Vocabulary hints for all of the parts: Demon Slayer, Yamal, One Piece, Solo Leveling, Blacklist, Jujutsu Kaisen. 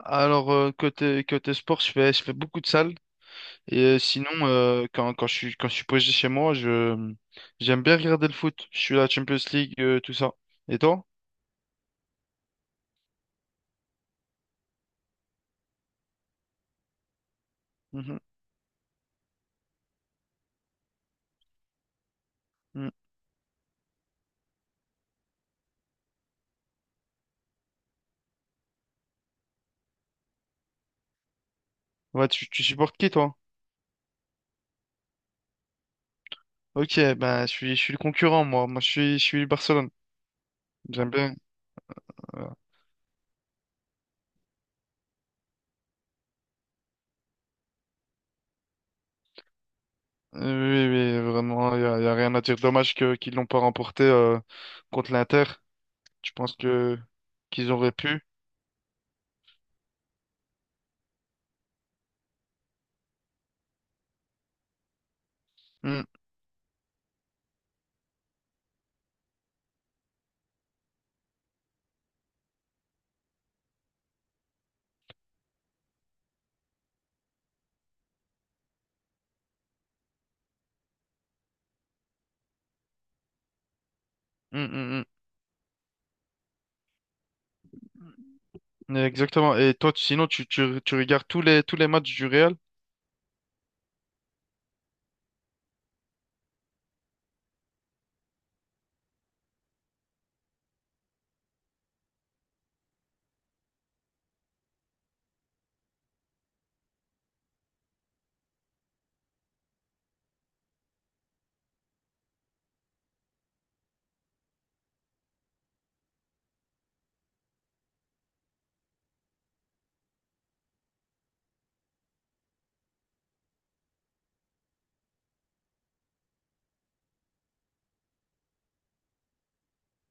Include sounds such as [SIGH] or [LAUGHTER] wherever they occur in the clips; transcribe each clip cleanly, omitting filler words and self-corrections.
Côté sport, je fais beaucoup de salles et sinon quand je suis posé chez moi, je j'aime bien regarder le foot. Je suis la Champions League, tout ça. Et toi? Mhm. Mhm. Ouais, tu supportes qui toi? OK, ben je suis le concurrent moi. Moi je suis Barcelone. J'aime bien. Euh, Oui, oui, oui, vraiment, y a rien à dire. Dommage que qu'ils l'ont pas remporté contre l'Inter. Je pense que qu'ils auraient pu. Mm, mm, mm, mm. Exactement. Et toi, tu regardes tous les matchs du Real?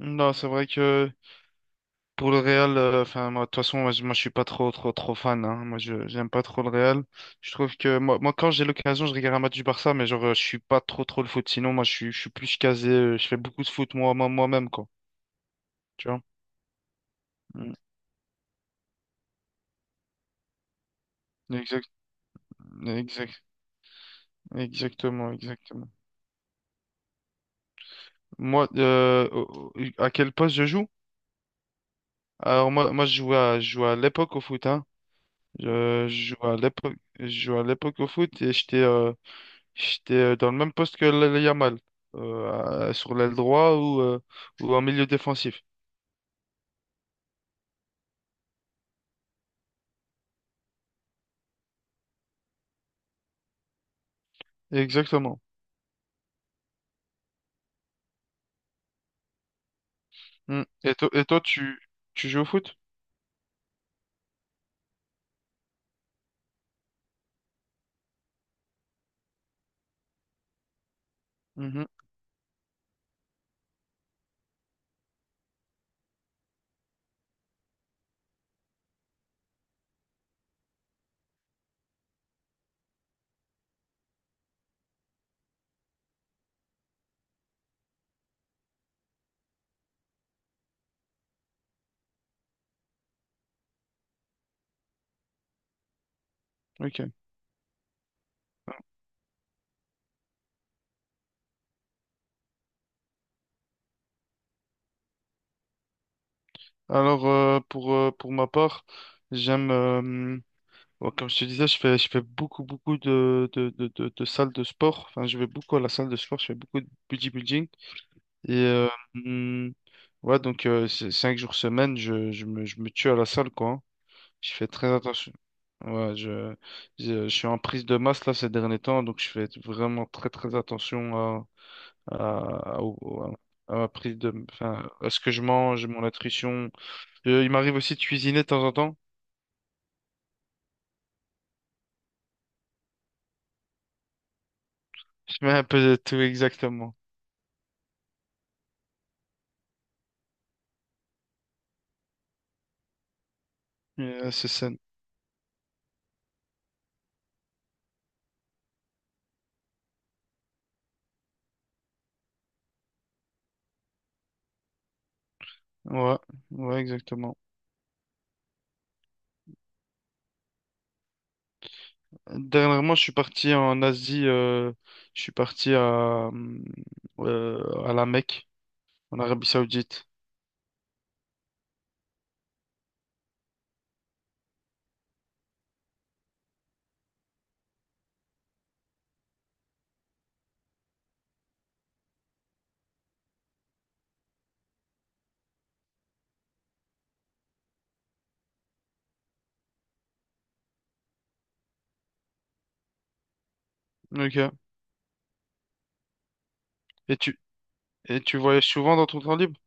Non, c'est vrai que pour le Real, enfin, moi, de toute façon, moi, je suis pas trop, trop, trop fan, hein. Moi, j'aime pas trop le Real. Je trouve que moi quand j'ai l'occasion, je regarde un match du Barça, mais genre, je suis pas trop, trop le foot. Sinon, moi, je suis plus casé. Je fais beaucoup de foot moi, moi-même, quoi. Tu vois? Mm. Exact, exact, exactement, exactement. Moi, à quel poste je joue? Alors moi, je jouais à l'époque au foot, hein. Je jouais à l'époque au foot et j'étais j'étais dans le même poste que le Yamal, sur l'aile droit ou en milieu défensif. Exactement. Mm. Et, et toi, tu joues au foot? Mhm. Ok. Alors, pour ma part, j'aime, bon, comme je te disais, je fais beaucoup, de salles de sport. Enfin, je vais beaucoup à la salle de sport, je fais beaucoup de bodybuilding. Et hum, ouais, donc cinq jours semaine, je me tue à la salle, quoi, hein. Je fais très attention. Ouais, je suis en prise de masse là ces derniers temps, donc je fais vraiment très très attention à, à, à- au- à ma prise de, enfin, à ce que je mange, mon nutrition. Il m'arrive aussi de cuisiner de temps en temps. [LAUGHS] Je mets un peu de tout exactement. C'est sain. Ouais, ouais, exactement. Dernièrement, je suis parti en Asie, je suis parti à la Mecque, en Arabie Saoudite. Ok. Et tu, et tu voyages souvent dans ton temps libre?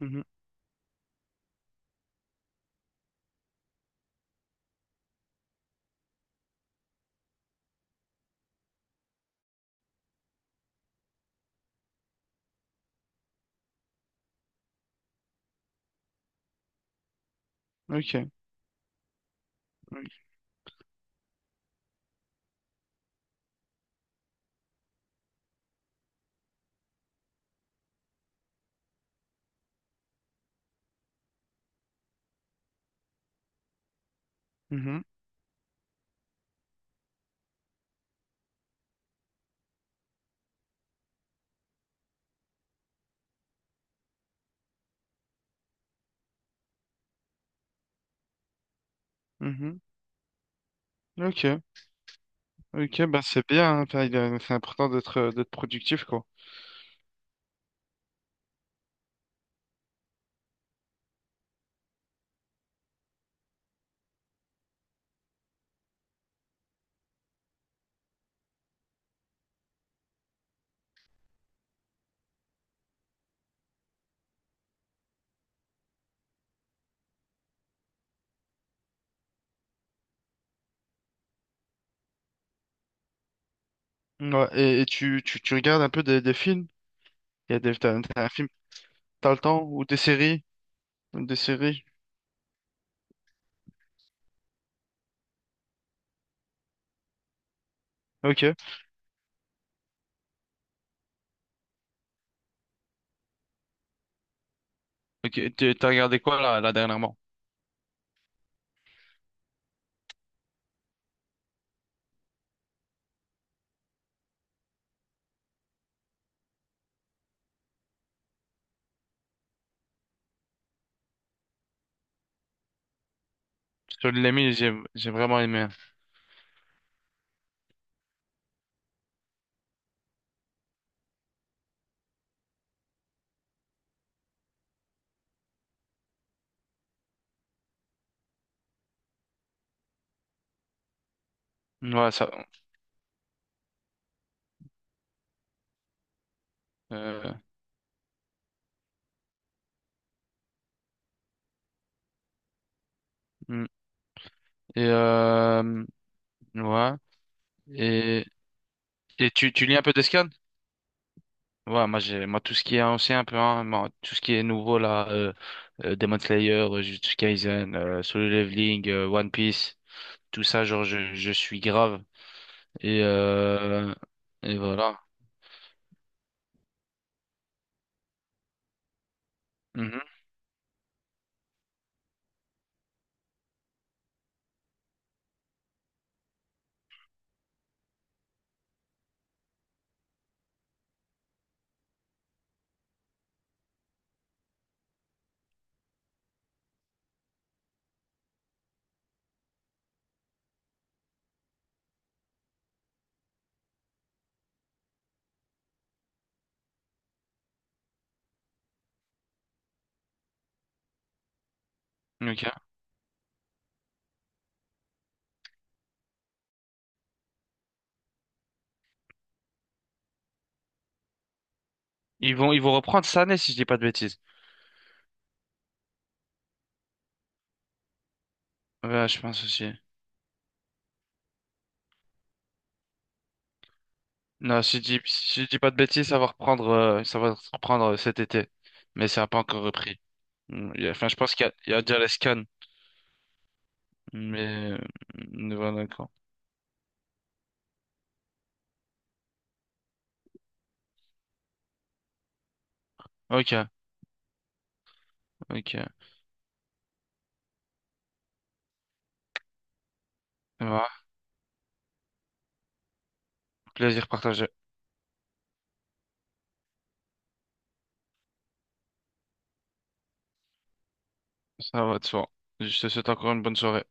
Mhm. Ok. Mhm. Mhm. Ok. Ok, bah c'est bien, hein. Enfin, c'est important d'être d'être productif, quoi. Ouais. Et, tu regardes un peu des films? Il y a des, t'as, t'as un film, t'as le temps, ou des séries? Des séries. Ok. Ok, t'as regardé quoi là dernièrement? Sur l'ami, j'ai vraiment aimé. Ouais, ça. euh, Mm. Et euh, ouais. Et, tu lis un peu des scans. Ouais, moi tout ce qui est ancien un peu hein, moi, tout ce qui est nouveau là Demon Slayer, Jujutsu Kaisen, Solo Leveling, One Piece, tout ça genre je suis grave et euh, et voilà. Mhm. Ok. Ils vont reprendre cette année si je dis pas de bêtises. Ouais, je pense aussi. Non, si je dis pas de bêtises, ça va reprendre cet été. Mais ça n'a pas encore repris. Mm, enfin, je pense il y a déjà les scans. Mais, ouais, d'accord. Ok, ok. Ouais, plaisir partagé. Ça va de soi. Je te souhaite encore une bonne soirée.